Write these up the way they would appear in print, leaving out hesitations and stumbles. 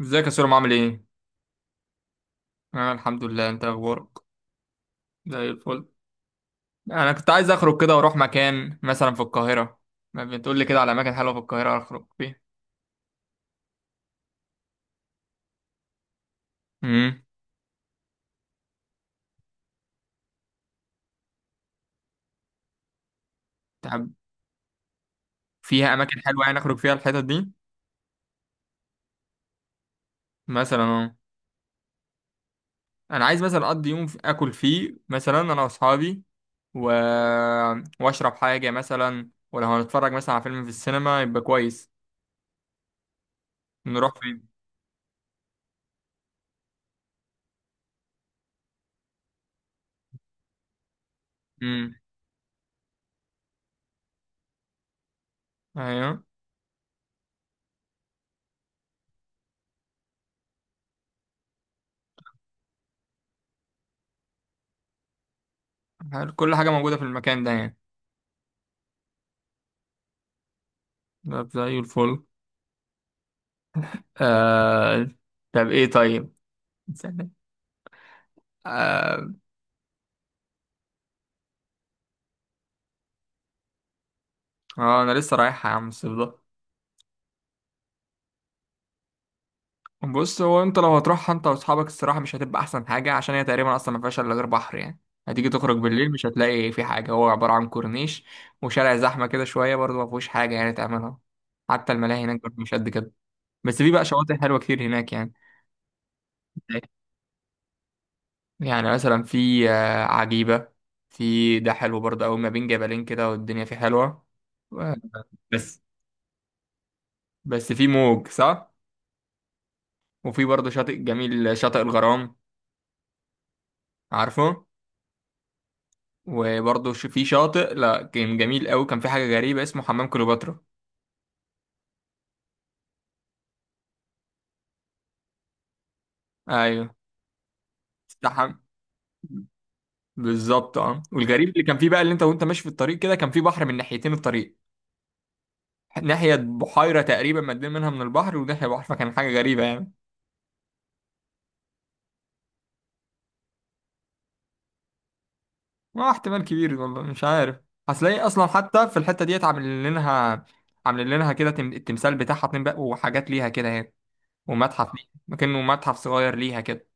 ازيك يا سوري عامل ايه؟ انا الحمد لله. انت ايه اخبارك؟ زي الفل. انا كنت عايز اخرج كده واروح مكان مثلا في القاهرة. ما بتقول لي كده على اماكن حلوة في القاهرة اخرج فيها. امم تحب فيها اماكن حلوة يعني اخرج فيها الحتت دي؟ مثلا اه. انا عايز مثلا اقضي يوم اكل فيه مثلا انا واصحابي و... واشرب حاجة مثلا، ولو هنتفرج مثلا على فيلم في السينما يبقى كويس. نروح فين؟ امم ايوه، كل حاجة موجودة في المكان ده يعني. ده زي الفل. آه... طب ايه؟ طيب استنى. آه... اه انا لسه رايحة يا عم الصيف ده. بص، هو انت لو هتروحها انت واصحابك الصراحة مش هتبقى احسن حاجة، عشان هي تقريبا اصلا ما فيهاش الا غير بحر يعني. هتيجي تخرج بالليل مش هتلاقي في حاجة، هو عبارة عن كورنيش وشارع زحمة كده شوية، برضه ما فيهوش حاجة يعني تعملها. حتى الملاهي هناك برضه مش قد كده. بس في بقى شواطئ حلوة كتير هناك يعني. يعني مثلا في عجيبة. في ده حلو برضه أوي، ما بين جبلين كده والدنيا فيه حلوة. آه، بس في موج صح. وفي برضه شاطئ جميل، شاطئ الغرام، عارفه؟ وبرضه في شاطئ لا كان جميل قوي، كان في حاجه غريبه اسمه حمام كليوباترا. ايوه. استحم بالظبط، اه. والغريب اللي كان فيه بقى، اللي انت وانت ماشي في الطريق كده كان في بحر من ناحيتين الطريق. ناحيه بحيره تقريبا مدين منها من البحر، وناحيه بحر، فكان حاجه غريبه يعني. اه احتمال كبير، والله مش عارف. هتلاقي اصلا حتى في الحته ديت عاملين لها، عاملين لها كده التمثال بتاعها اتنين بقى، وحاجات ليها كده يعني. ومتحف ليها، كأنه متحف صغير ليها كده.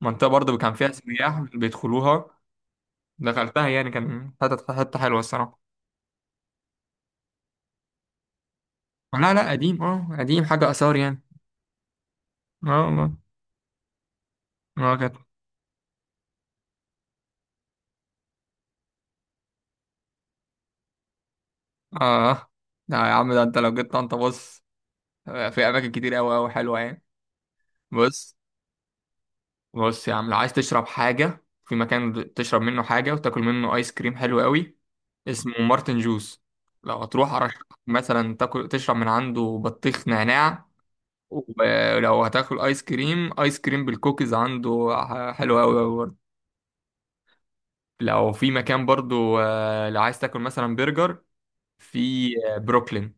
منطقة برضه كان فيها سياح بيدخلوها. دخلتها يعني، كان حتة حتة حلوة الصراحة. لا لا، قديم اه قديم، حاجة آثار يعني. اه والله. اه كانت. اه لا يا عم، ده انت لو جيت طنطا، بص، في أماكن كتير أوي أوي حلوة يعني. بص بص يا عم، لو عايز تشرب حاجة في مكان، تشرب منه حاجة وتاكل منه آيس كريم حلو أوي، اسمه مارتن جوز. لو هتروح أرشحك مثلا تاكل، تشرب من عنده بطيخ نعناع. ولو هتاكل ايس كريم، ايس كريم بالكوكيز عنده حلو قوي قوي برضه. لو في مكان برضه، لو عايز تاكل مثلا برجر، في بروكلين،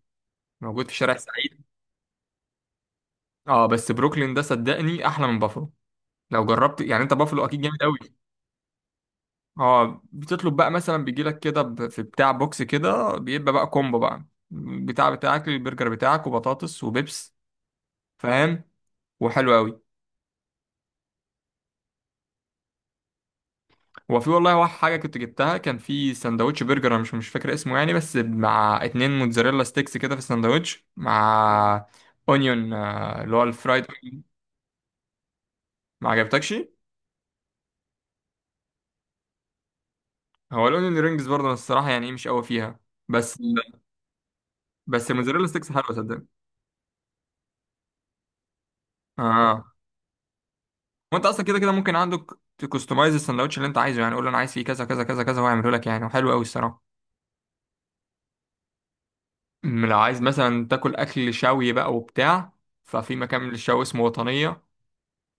موجود في شارع السعيد. اه بس بروكلين ده صدقني احلى من بافلو، لو جربت يعني. انت بافلو اكيد جامد قوي. اه بتطلب بقى مثلا بيجي لك كده في بتاع بوكس كده، بيبقى بقى كومبو بقى، بتاعك البرجر بتاعك وبطاطس وبيبس، فاهم؟ وحلو قوي. هو في والله واحد حاجة كنت جبتها، كان في سندوتش برجر، أنا مش فاكر اسمه يعني، بس مع اتنين موتزاريلا ستيكس كده في السندوتش، مع اونيون، اللي هو الفرايد أونيون. ما عجبتكش. هو الاونيون رينجز برضه أنا الصراحة يعني إيه، مش قوي فيها. بس بس الموتزاريلا ستيكس حلوة صدق. اه وانت اصلا كده كده ممكن عندك تكستمايز السندوتش اللي انت عايزه يعني، قول له انا عايز فيه كذا كذا كذا كذا وهيعمله لك يعني، وحلو قوي الصراحة. أم لو عايز مثلا تاكل اكل شوي بقى وبتاع، ففي مكان للشوي اسمه وطنية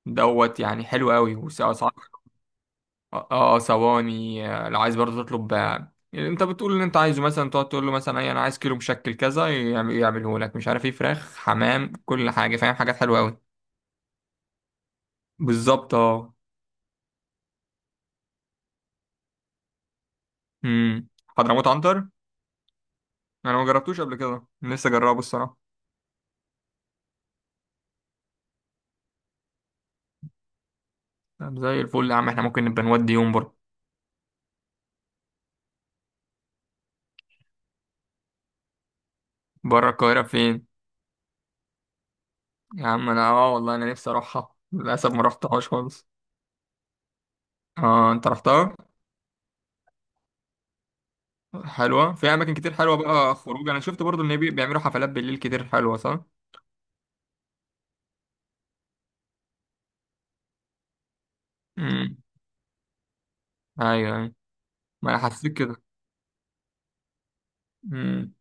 دوت، يعني حلو قوي واسعاره. اه ثواني، لو عايز برضه تطلب، انت بتقول اللي انت عايزه مثلا، تقعد تقول له مثلا اي انا عايز كيلو مشكل كذا، يعمله لك مش عارف ايه، فراخ، حمام، كل حاجه فاهم، حاجات حلوه قوي. بالظبط اه. امم حضرموت عنتر. انا ما جربتوش قبل كده، لسه جربه الصراحه. طب زي الفل يا عم، احنا ممكن نبقى نودي يوم بره. بره القاهره فين؟ يا عم انا اه والله انا نفسي اروحها، للاسف ما رحتهاش خالص. اه انت رحتها؟ حلوه؟ في اماكن كتير حلوه بقى خروج؟ انا شفت برضو ان بيعملوا حفلات بالليل كتير حلوه صح. امم. ايوه ايوه، ما انا حسيت كده. امم.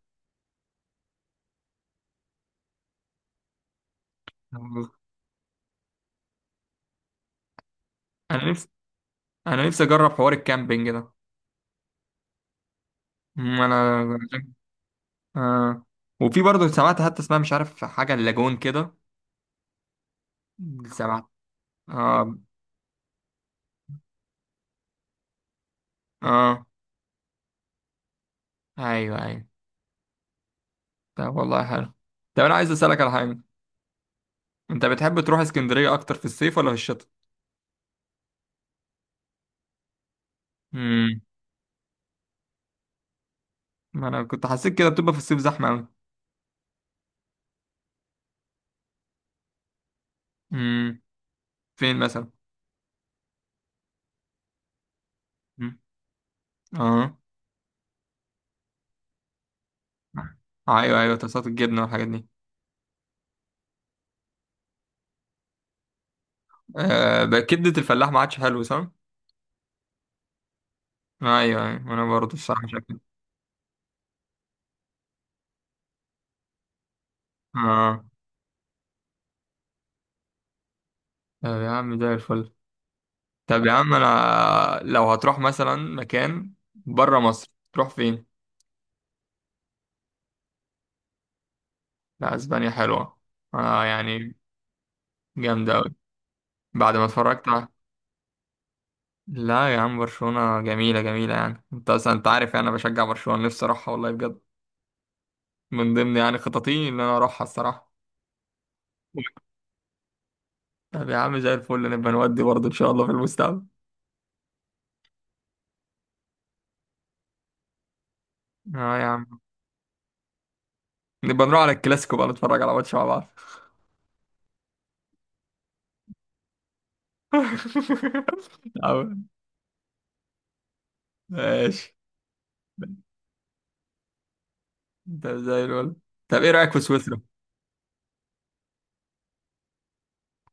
انا نفسي انا نفسي اجرب حوار الكامبينج ده. أمم، انا آه. وفي برضه سمعت، حتى اسمها مش عارف، حاجه اللاجون كده. سمعت. اه. اه. ايوه ايوه. طب والله حلو. طب انا عايز اسالك على حاجه، انت بتحب تروح اسكندريه اكتر في الصيف ولا في الشتاء؟ امم. ما انا كنت حسيت كده، بتبقى في الصيف زحمه قوي. امم. فين مثلا؟ أمم، اه. ايوه ايوه، طاسات الجبنه والحاجات دي. آه بقى كبده الفلاح ما عادش حلو صح. ايوه ايوه انا برضه الصراحه شكلي. اه. طب يا عم زي الفل. طب يا عم انا لو هتروح مثلا مكان بره مصر تروح فين؟ لا اسبانيا حلوه، اه يعني. جامده قوي. بعد ما اتفرجت على- لا يا عم برشلونه جميله جميله يعني، انت اصلا انت عارف يعني انا بشجع برشلونه، نفسي اروحها والله بجد. من ضمن يعني خططي ان انا اروحها الصراحه. طب يا عم زي الفل، نبقى نودي برضه ان شاء الله في المستقبل. اه يا عم، نبقى نروح على الكلاسيكو بقى، نتفرج على ماتش مع بعض. ماشي. ده زي الولد. طب ايه رأيك في سويسرا؟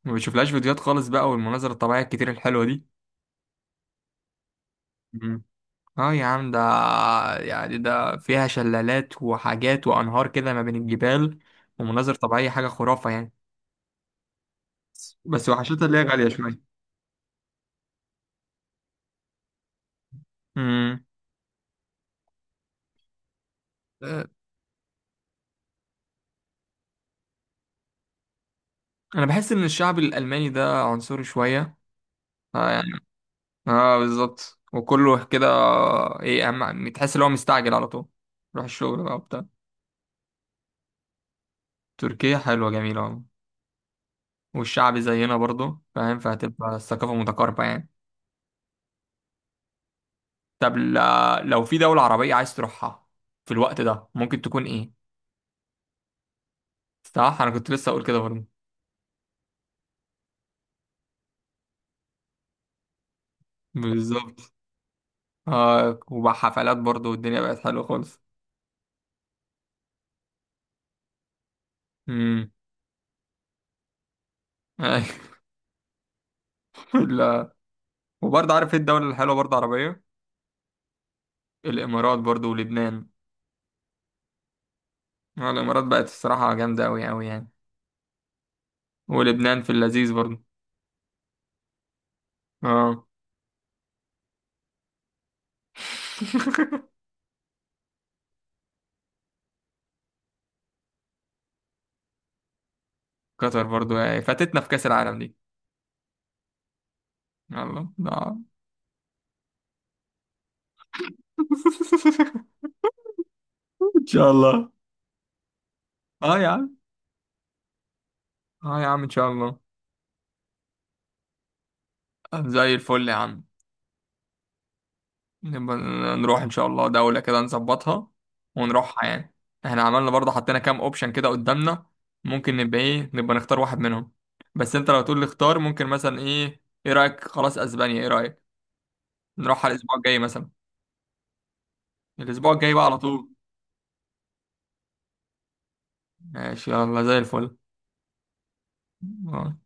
ما بتشوفلهاش فيديوهات خالص بقى، والمناظر الطبيعية الكتير الحلوة دي؟ مم. اه يا عم ده، يعني ده فيها شلالات وحاجات وأنهار كده ما بين الجبال، ومناظر طبيعية حاجة خرافة يعني. بس وحشتها اللي هي غالية شوية. امم. آه، أنا بحس إن الشعب الألماني ده عنصري شوية، اه يعني. اه بالظبط، وكله كده ايه، أهم تحس إن هو مستعجل على طول، روح الشغل بقى وبتاع. تركيا حلوة جميلة، والشعبي زينا برضو فاهم، فهتبقى الثقافة متقاربة يعني. طب لو في دولة عربية عايز تروحها في الوقت ده ممكن تكون ايه؟ صح، انا كنت لسه اقول كده برضو. بالظبط. اه وبقى حفلات برضو والدنيا بقت حلوه خالص. امم. ايوه. لا. وبرضه عارف ايه الدولة الحلوة برضه عربية؟ الامارات برضو، ولبنان. الامارات بقت الصراحة جامدة اوي اوي يعني. ولبنان في اللذيذ برضو، اه. قطر برضو، يعني فاتتنا في كأس العالم دي. يلا آه. ان شاء الله. اه يا عم، اه يا عم ان شاء الله. زي الفل يا عم. نبقى نروح ان شاء الله دولة كده نظبطها ونروحها يعني. احنا عملنا برضه، حطينا كام اوبشن كده قدامنا، ممكن نبقى ايه نبقى نختار واحد منهم. بس انت لو تقول لي اختار ممكن مثلا ايه، ايه رأيك خلاص اسبانيا، ايه رأيك نروحها الاسبوع الجاي مثلا؟ الاسبوع الجاي بقى على طول. ماشي يلا زي الفل. آه.